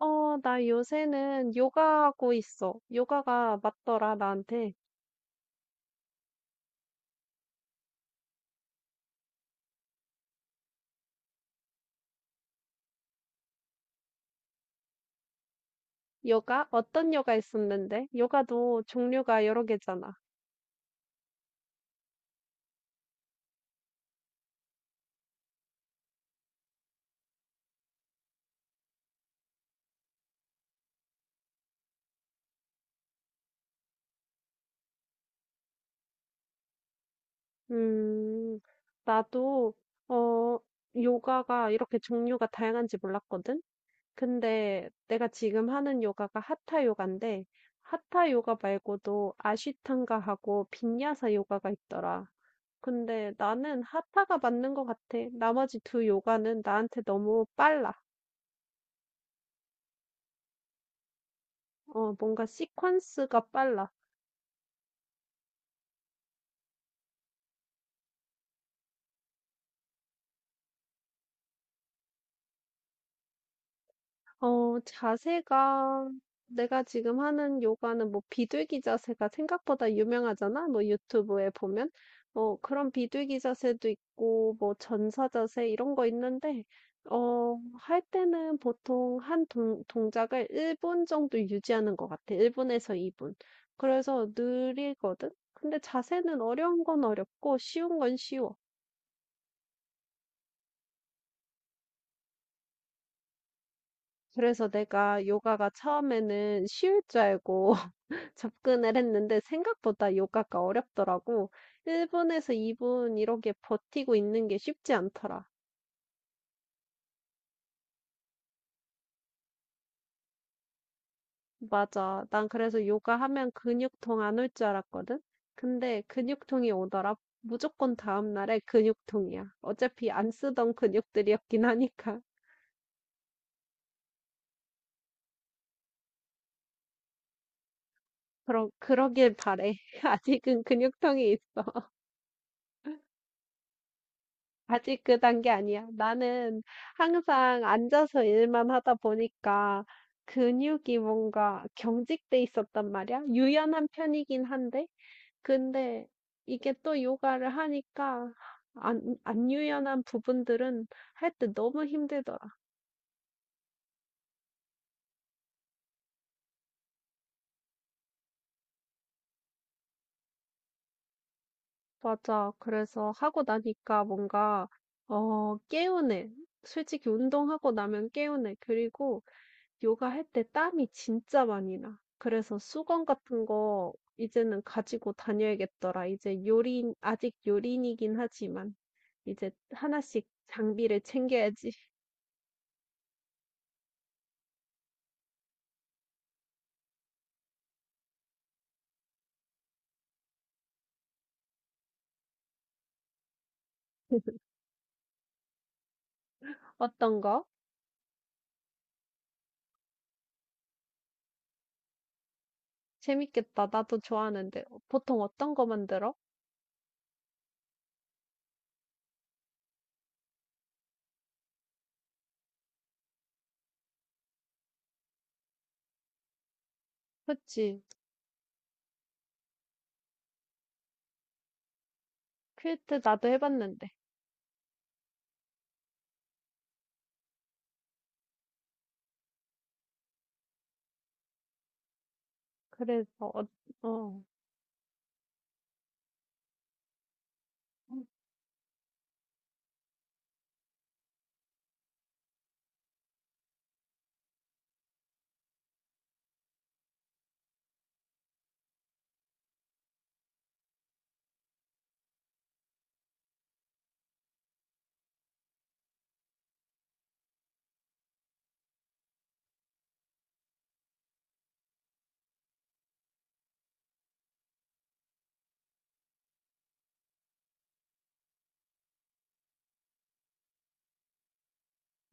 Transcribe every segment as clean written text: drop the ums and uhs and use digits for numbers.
어, 나 요새는 요가 하고 있어. 요가가 맞더라, 나한테. 요가? 어떤 요가 있었는데? 요가도 종류가 여러 개잖아. 음, 나도, 어, 요가가 이렇게 종류가 다양한지 몰랐거든? 근데 내가 지금 하는 요가가 하타 요가인데, 하타 요가 말고도 아쉬탕가하고 빈야사 요가가 있더라. 근데 나는 하타가 맞는 것 같아. 나머지 두 요가는 나한테 너무 빨라. 어, 뭔가 시퀀스가 빨라. 어, 자세가, 내가 지금 하는 요가는 뭐 비둘기 자세가 생각보다 유명하잖아? 뭐 유튜브에 보면. 뭐 그런 비둘기 자세도 있고, 뭐 전사 자세 이런 거 있는데, 어, 할 때는 보통 한 동작을 1분 정도 유지하는 것 같아. 1분에서 2분. 그래서 느리거든? 근데 자세는 어려운 건 어렵고, 쉬운 건 쉬워. 그래서 내가 요가가 처음에는 쉬울 줄 알고 접근을 했는데 생각보다 요가가 어렵더라고. 1분에서 2분 이렇게 버티고 있는 게 쉽지 않더라. 맞아. 난 그래서 요가 하면 근육통 안 올 줄 알았거든. 근데 근육통이 오더라. 무조건 다음 날에 근육통이야. 어차피 안 쓰던 근육들이었긴 하니까. 그러길 바래. 아직은 근육통이 있어. 아직 그 단계 아니야. 나는 항상 앉아서 일만 하다 보니까 근육이 뭔가 경직돼 있었단 말이야. 유연한 편이긴 한데, 근데 이게 또 요가를 하니까 안 유연한 부분들은 할 때 너무 힘들더라. 맞아. 그래서 하고 나니까 뭔가, 어, 개운해. 솔직히 운동하고 나면 개운해. 그리고 요가 할 때 땀이 진짜 많이 나. 그래서 수건 같은 거 이제는 가지고 다녀야겠더라. 이제 아직 요린이긴 하지만 이제 하나씩 장비를 챙겨야지. 어떤 거? 재밌겠다. 나도 좋아하는데. 보통 어떤 거 만들어? 그치. 퀼트 나도 해봤는데. 그래서, 어, 어,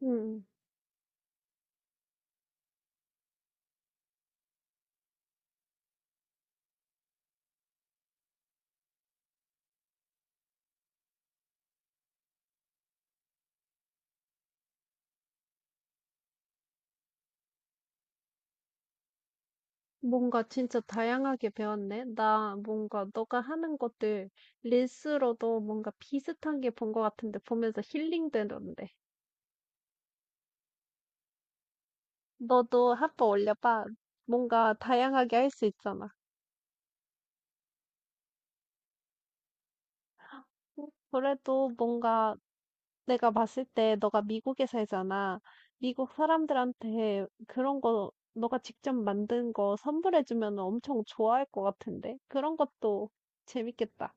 응. 뭔가 진짜 다양하게 배웠네. 나 뭔가 너가 하는 것들 릴스로도 뭔가 비슷한 게 본 것 같은데 보면서 힐링 되던데. 너도 한 번 올려봐. 뭔가 다양하게 할 수 있잖아. 그래도 뭔가 내가 봤을 때 너가 미국에 살잖아. 미국 사람들한테 그런 거 너가 직접 만든 거 선물해주면 엄청 좋아할 것 같은데. 그런 것도 재밌겠다.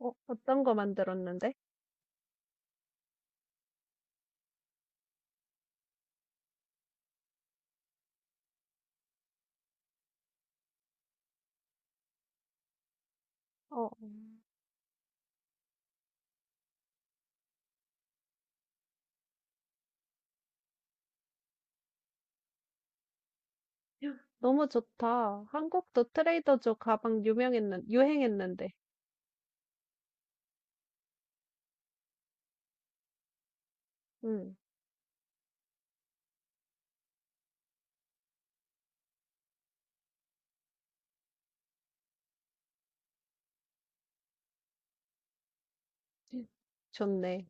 어, 어떤 거 만들었는데? 어. 너무 좋다. 한국도 트레이더조 가방 유행했는데. 응, 좋네.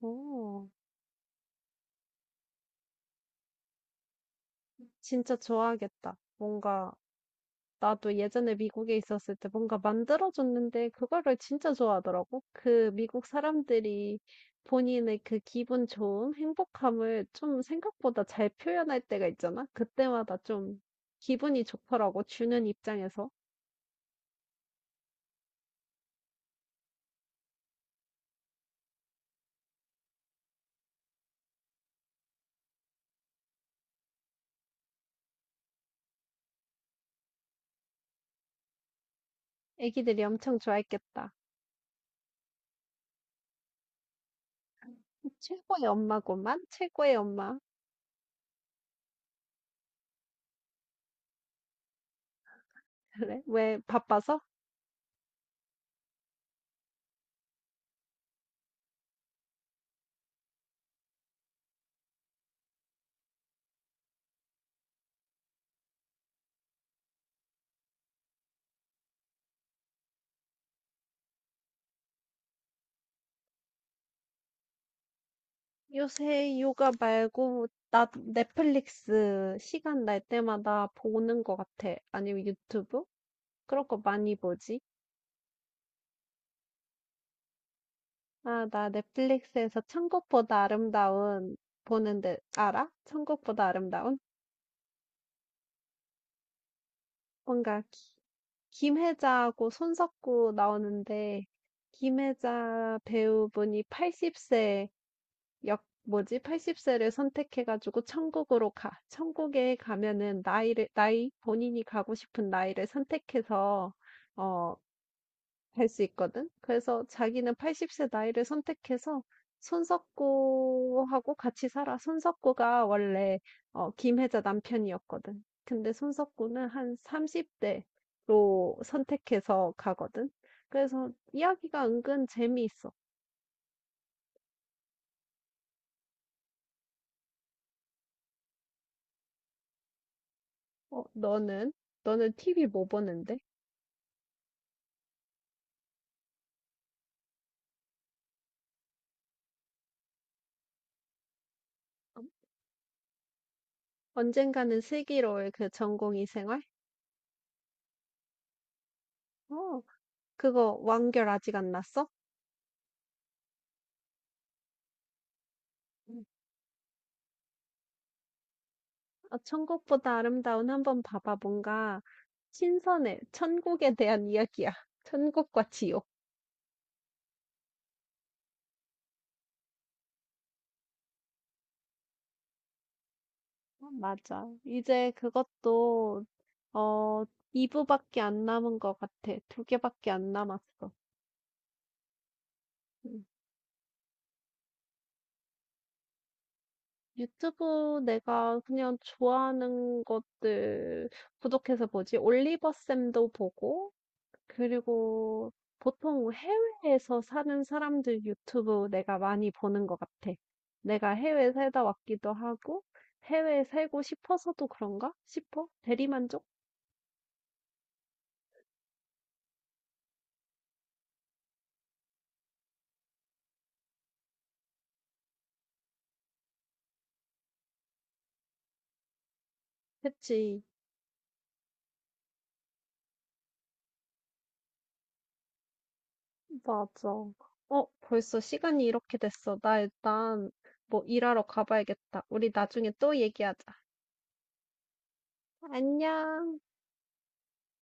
오, 진짜 좋아하겠다. 뭔가, 나도 예전에 미국에 있었을 때 뭔가 만들어줬는데, 그거를 진짜 좋아하더라고. 그 미국 사람들이 본인의 그 기분 좋음, 행복함을 좀 생각보다 잘 표현할 때가 있잖아? 그때마다 좀 기분이 좋더라고, 주는 입장에서. 애기들이 엄청 좋아했겠다. 최고의 엄마고만, 최고의 엄마. 그래? 왜 바빠서? 요새 요가 말고 나 넷플릭스 시간 날 때마다 보는 거 같아. 아니면 유튜브? 그런 거 많이 보지? 아, 나 넷플릭스에서 천국보다 아름다운 보는데 알아? 천국보다 아름다운? 뭔가 김혜자하고 손석구 나오는데 김혜자 배우분이 80세 역 뭐지? 80세를 선택해 가지고 천국으로 가. 천국에 가면은 나이 본인이 가고 싶은 나이를 선택해서 어, 갈 수 있거든. 그래서 자기는 80세 나이를 선택해서 손석구하고 같이 살아. 손석구가 원래 김혜자 남편이었거든. 근데 손석구는 한 30대로 선택해서 가거든. 그래서 이야기가 은근 재미있어. 어, 너는 TV 뭐 보는데? 언젠가는 슬기로울 그 전공의 생활? 어, 그거 완결 아직 안 났어? 응. 아, 천국보다 아름다운 한번 봐봐. 뭔가 신선해. 천국에 대한 이야기야. 천국과 지옥. 어, 맞아. 이제 그것도 어, 2부밖에 안 남은 것 같아. 두 개밖에 안 남았어. 음. 유튜브 내가 그냥 좋아하는 것들 구독해서 보지. 올리버 쌤도 보고, 그리고 보통 해외에서 사는 사람들 유튜브 내가 많이 보는 것 같아. 내가 해외 살다 왔기도 하고, 해외에 살고 싶어서도 그런가? 싶어? 대리만족? 그치, 맞아. 어, 벌써 시간이 이렇게 됐어. 나 일단 뭐 일하러 가봐야겠다. 우리 나중에 또 얘기하자. 안녕.